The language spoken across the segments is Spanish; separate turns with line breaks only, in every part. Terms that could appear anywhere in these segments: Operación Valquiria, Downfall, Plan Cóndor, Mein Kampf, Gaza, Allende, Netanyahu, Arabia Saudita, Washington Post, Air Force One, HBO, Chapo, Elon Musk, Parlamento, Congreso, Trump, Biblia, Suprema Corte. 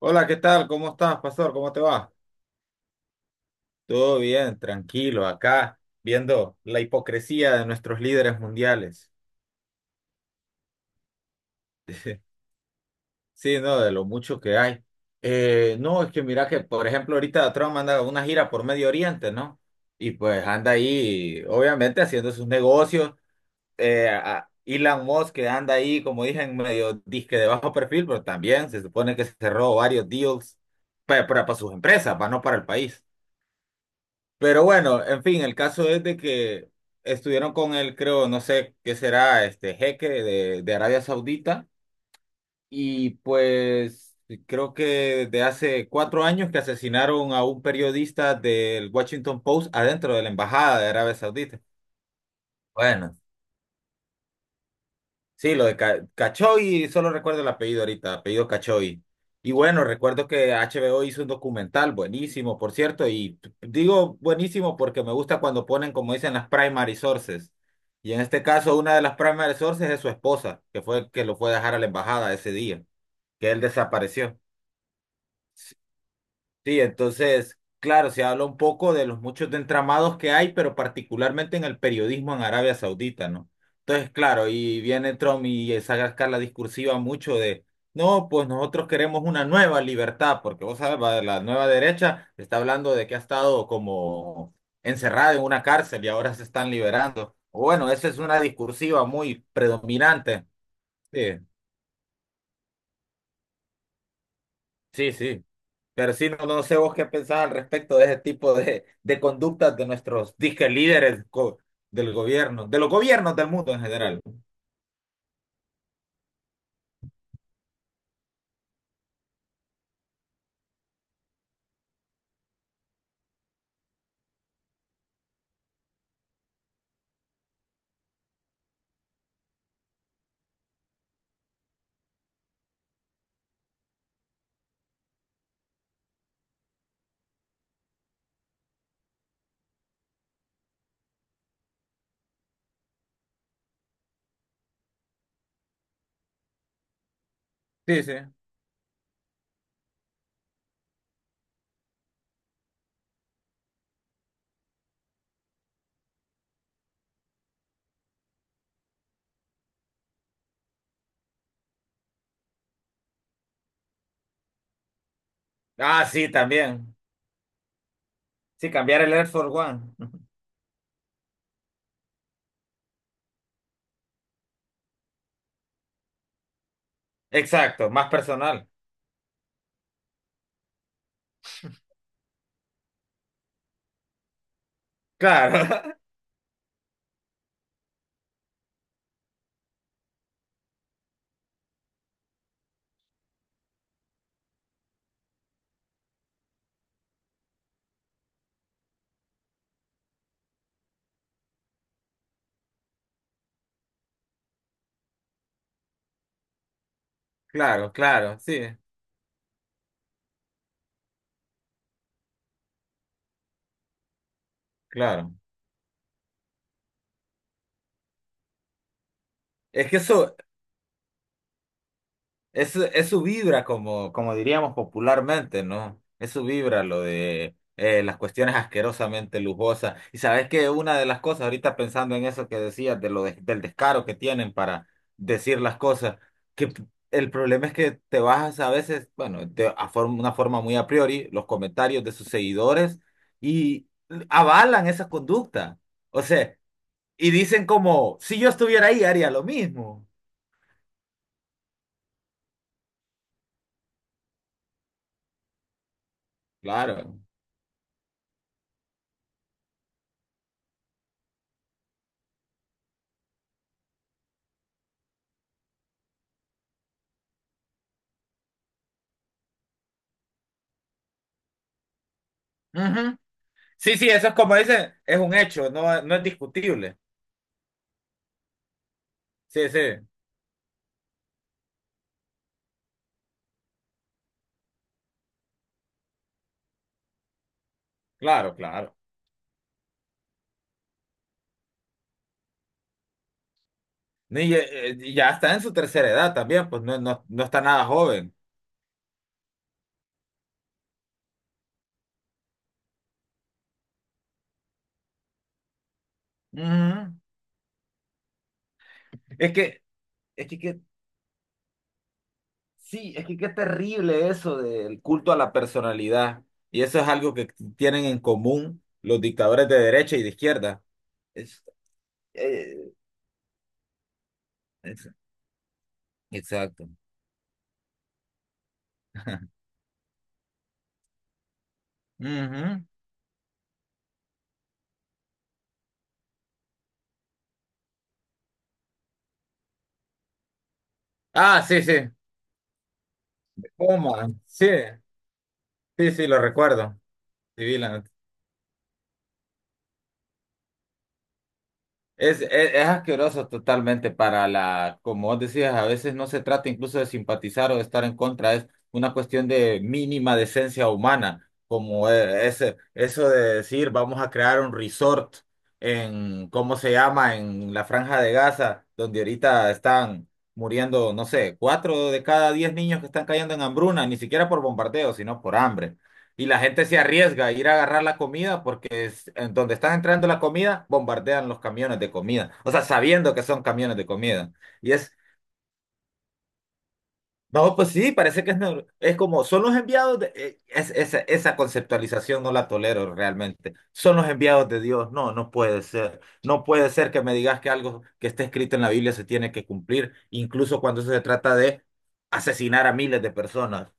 Hola, ¿qué tal? ¿Cómo estás, pastor? ¿Cómo te va? Todo bien, tranquilo, acá viendo la hipocresía de nuestros líderes mundiales. Sí, no, de lo mucho que hay. No, es que mira que, por ejemplo, ahorita Trump anda una gira por Medio Oriente, ¿no? Y pues anda ahí, obviamente, haciendo sus negocios. Elon Musk que anda ahí, como dije, en medio disque de bajo perfil, pero también se supone que cerró varios deals para sus empresas, para no para el país. Pero bueno, en fin, el caso es de que estuvieron con él, creo, no sé qué será, este jeque de Arabia Saudita, y pues creo que desde hace cuatro años que asesinaron a un periodista del Washington Post adentro de la embajada de Arabia Saudita. Bueno, sí, lo de Cachoy, solo recuerdo el apellido ahorita, apellido Cachoy. Y bueno, recuerdo que HBO hizo un documental buenísimo, por cierto, y digo buenísimo porque me gusta cuando ponen, como dicen, las primary sources. Y en este caso, una de las primary sources es su esposa, que fue el que lo fue a dejar a la embajada ese día, que él desapareció. Sí, entonces, claro, se habla un poco de los muchos de entramados que hay, pero particularmente en el periodismo en Arabia Saudita, ¿no? Entonces, claro, y viene Trump y esa la discursiva mucho de, no, pues nosotros queremos una nueva libertad, porque vos sabes, la nueva derecha está hablando de que ha estado como encerrada en una cárcel y ahora se están liberando. Bueno, esa es una discursiva muy predominante. Sí, sí, sí. Pero sí, no, no sé vos qué pensás al respecto de ese tipo de conductas de nuestros disque líderes del gobierno, de los gobiernos del mundo en general. Sí, sí. Ah, sí, también. Sí, cambiar el Air Force One. Exacto, más personal. Claro, claro, claro, sí, claro. Es que eso, es, es su vibra, como, como diríamos popularmente, ¿no? Es su vibra lo de las cuestiones asquerosamente lujosas. Y sabes que una de las cosas, ahorita pensando en eso que decías, de lo del descaro que tienen para decir las cosas, que el problema es que te bajas a veces, bueno, de una forma muy a priori, los comentarios de sus seguidores y avalan esa conducta. O sea, y dicen como, si yo estuviera ahí, haría lo mismo. Claro. Sí, sí, eso es como dicen, es un hecho, no, no es discutible. Sí, sí, claro, claro. Ya está en su tercera edad también, pues no, no, no está nada joven. Ujú. Es que, es que, que- sí, es que qué terrible eso del culto a la personalidad. Y eso es algo que tienen en común los dictadores de derecha y de izquierda. Es- eh, es- exacto. Ujú. Ah, sí, sí. Puma. Sí, sí, sí, lo recuerdo. Sí, es, es asqueroso totalmente para la, como vos decías, a veces no se trata incluso de simpatizar o de estar en contra, es una cuestión de mínima decencia humana, como eso de decir vamos a crear un resort en, ¿cómo se llama?, en la Franja de Gaza, donde ahorita están muriendo, no sé, cuatro de cada diez niños que están cayendo en hambruna, ni siquiera por bombardeo, sino por hambre. Y la gente se arriesga a ir a agarrar la comida porque es, en donde están entrando la comida, bombardean los camiones de comida. O sea, sabiendo que son camiones de comida. Y es, no, pues sí, parece que es, es como, son los enviados de esa conceptualización no la tolero realmente. Son los enviados de Dios. No, no puede ser. No puede ser que me digas que algo que está escrito en la Biblia se tiene que cumplir, incluso cuando se trata de asesinar a miles de personas.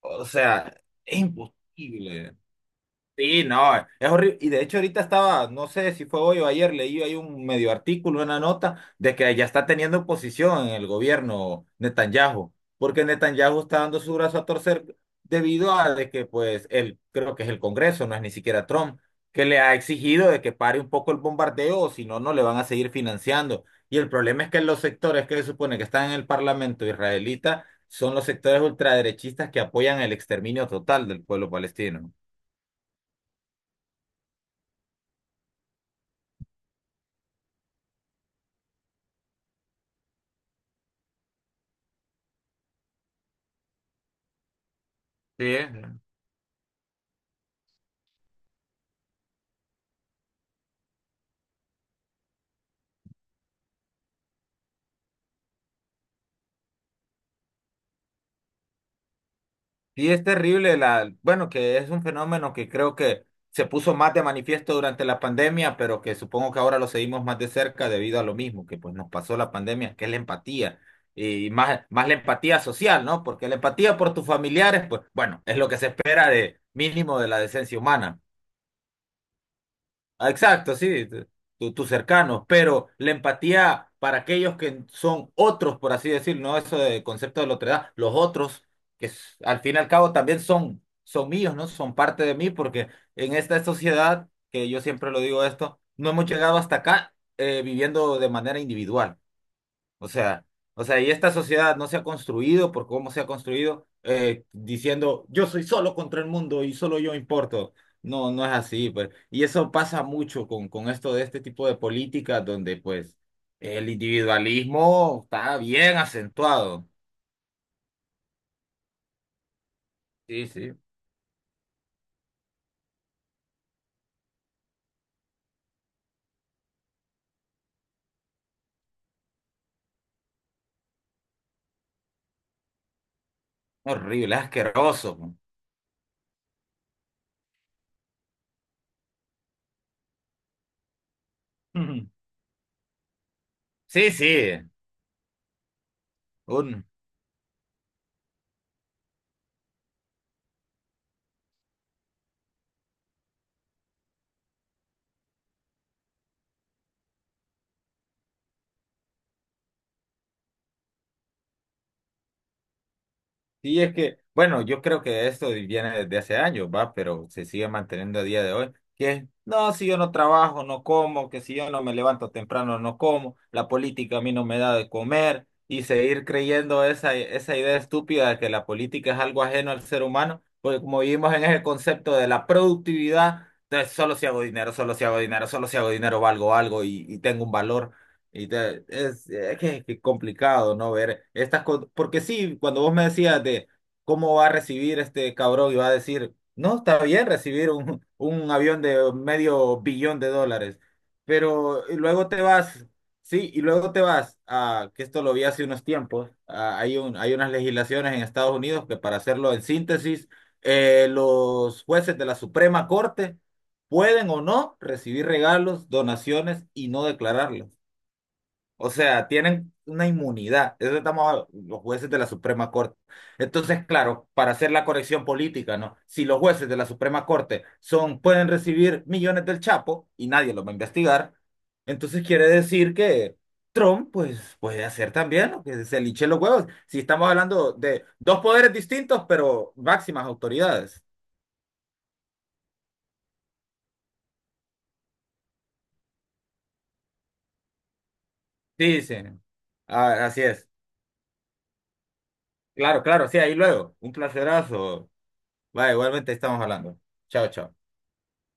O sea, es imposible. Sí, no, es horrible. Y de hecho ahorita estaba, no sé si fue hoy o ayer, leí ahí un medio artículo, una nota, de que ya está teniendo oposición en el gobierno Netanyahu, porque Netanyahu está dando su brazo a torcer debido a de que pues él, creo que es el Congreso, no es ni siquiera Trump, que le ha exigido de que pare un poco el bombardeo, o si no, no le van a seguir financiando. Y el problema es que los sectores que se supone que están en el Parlamento israelita son los sectores ultraderechistas que apoyan el exterminio total del pueblo palestino. Sí, sí, es terrible la, bueno, que es un fenómeno que creo que se puso más de manifiesto durante la pandemia, pero que supongo que ahora lo seguimos más de cerca debido a lo mismo que pues nos pasó la pandemia, que es la empatía y más más la empatía social, ¿no? Porque la empatía por tus familiares, pues bueno, es lo que se espera de mínimo de la decencia humana. Ah, exacto, sí, tus cercanos, pero la empatía para aquellos que son otros, por así decirlo, no eso de concepto de la otredad, los otros, que al fin y al cabo también son, son míos, ¿no? Son parte de mí, porque en esta sociedad, que yo siempre lo digo esto, no hemos llegado hasta acá viviendo de manera individual. O sea, y esta sociedad no se ha construido por cómo se ha construido diciendo yo soy solo contra el mundo y solo yo importo. No, no es así, pues. Y eso pasa mucho con esto de este tipo de políticas donde pues el individualismo está bien acentuado. Sí, sí. Horrible, asqueroso. Sí, sí. Un, sí, es que, bueno, yo creo que esto viene desde hace años, va, pero se sigue manteniendo a día de hoy, que es, no, si yo no trabajo, no como, que si yo no me levanto temprano, no como, la política a mí no me da de comer, y seguir creyendo esa, esa idea estúpida de que la política es algo ajeno al ser humano, porque como vivimos en ese concepto de la productividad, entonces solo si hago dinero, solo si hago dinero, solo si hago dinero valgo algo y tengo un valor. Es, es que complicado, ¿no? Ver estas cosas. Porque sí, cuando vos me decías de cómo va a recibir este cabrón y va a decir, no, está bien recibir un, un avión de medio billón de dólares. Pero y luego te vas, sí, y luego te vas a, que esto lo vi hace unos tiempos, hay un, hay unas legislaciones en Estados Unidos que para hacerlo en síntesis, los jueces de la Suprema Corte pueden o no recibir regalos, donaciones y no declararlos. O sea, tienen una inmunidad. Eso estamos los jueces de la Suprema Corte. Entonces, claro, para hacer la corrección política, ¿no? Si los jueces de la Suprema Corte son, pueden recibir millones del Chapo y nadie los va a investigar, entonces quiere decir que Trump, pues, puede hacer también lo que se liche los huevos. Si estamos hablando de dos poderes distintos, pero máximas autoridades. Sí, sí. Ah, así es. Claro, claro, sí, ahí luego. Un placerazo. Va, igualmente estamos hablando. Chao, chao.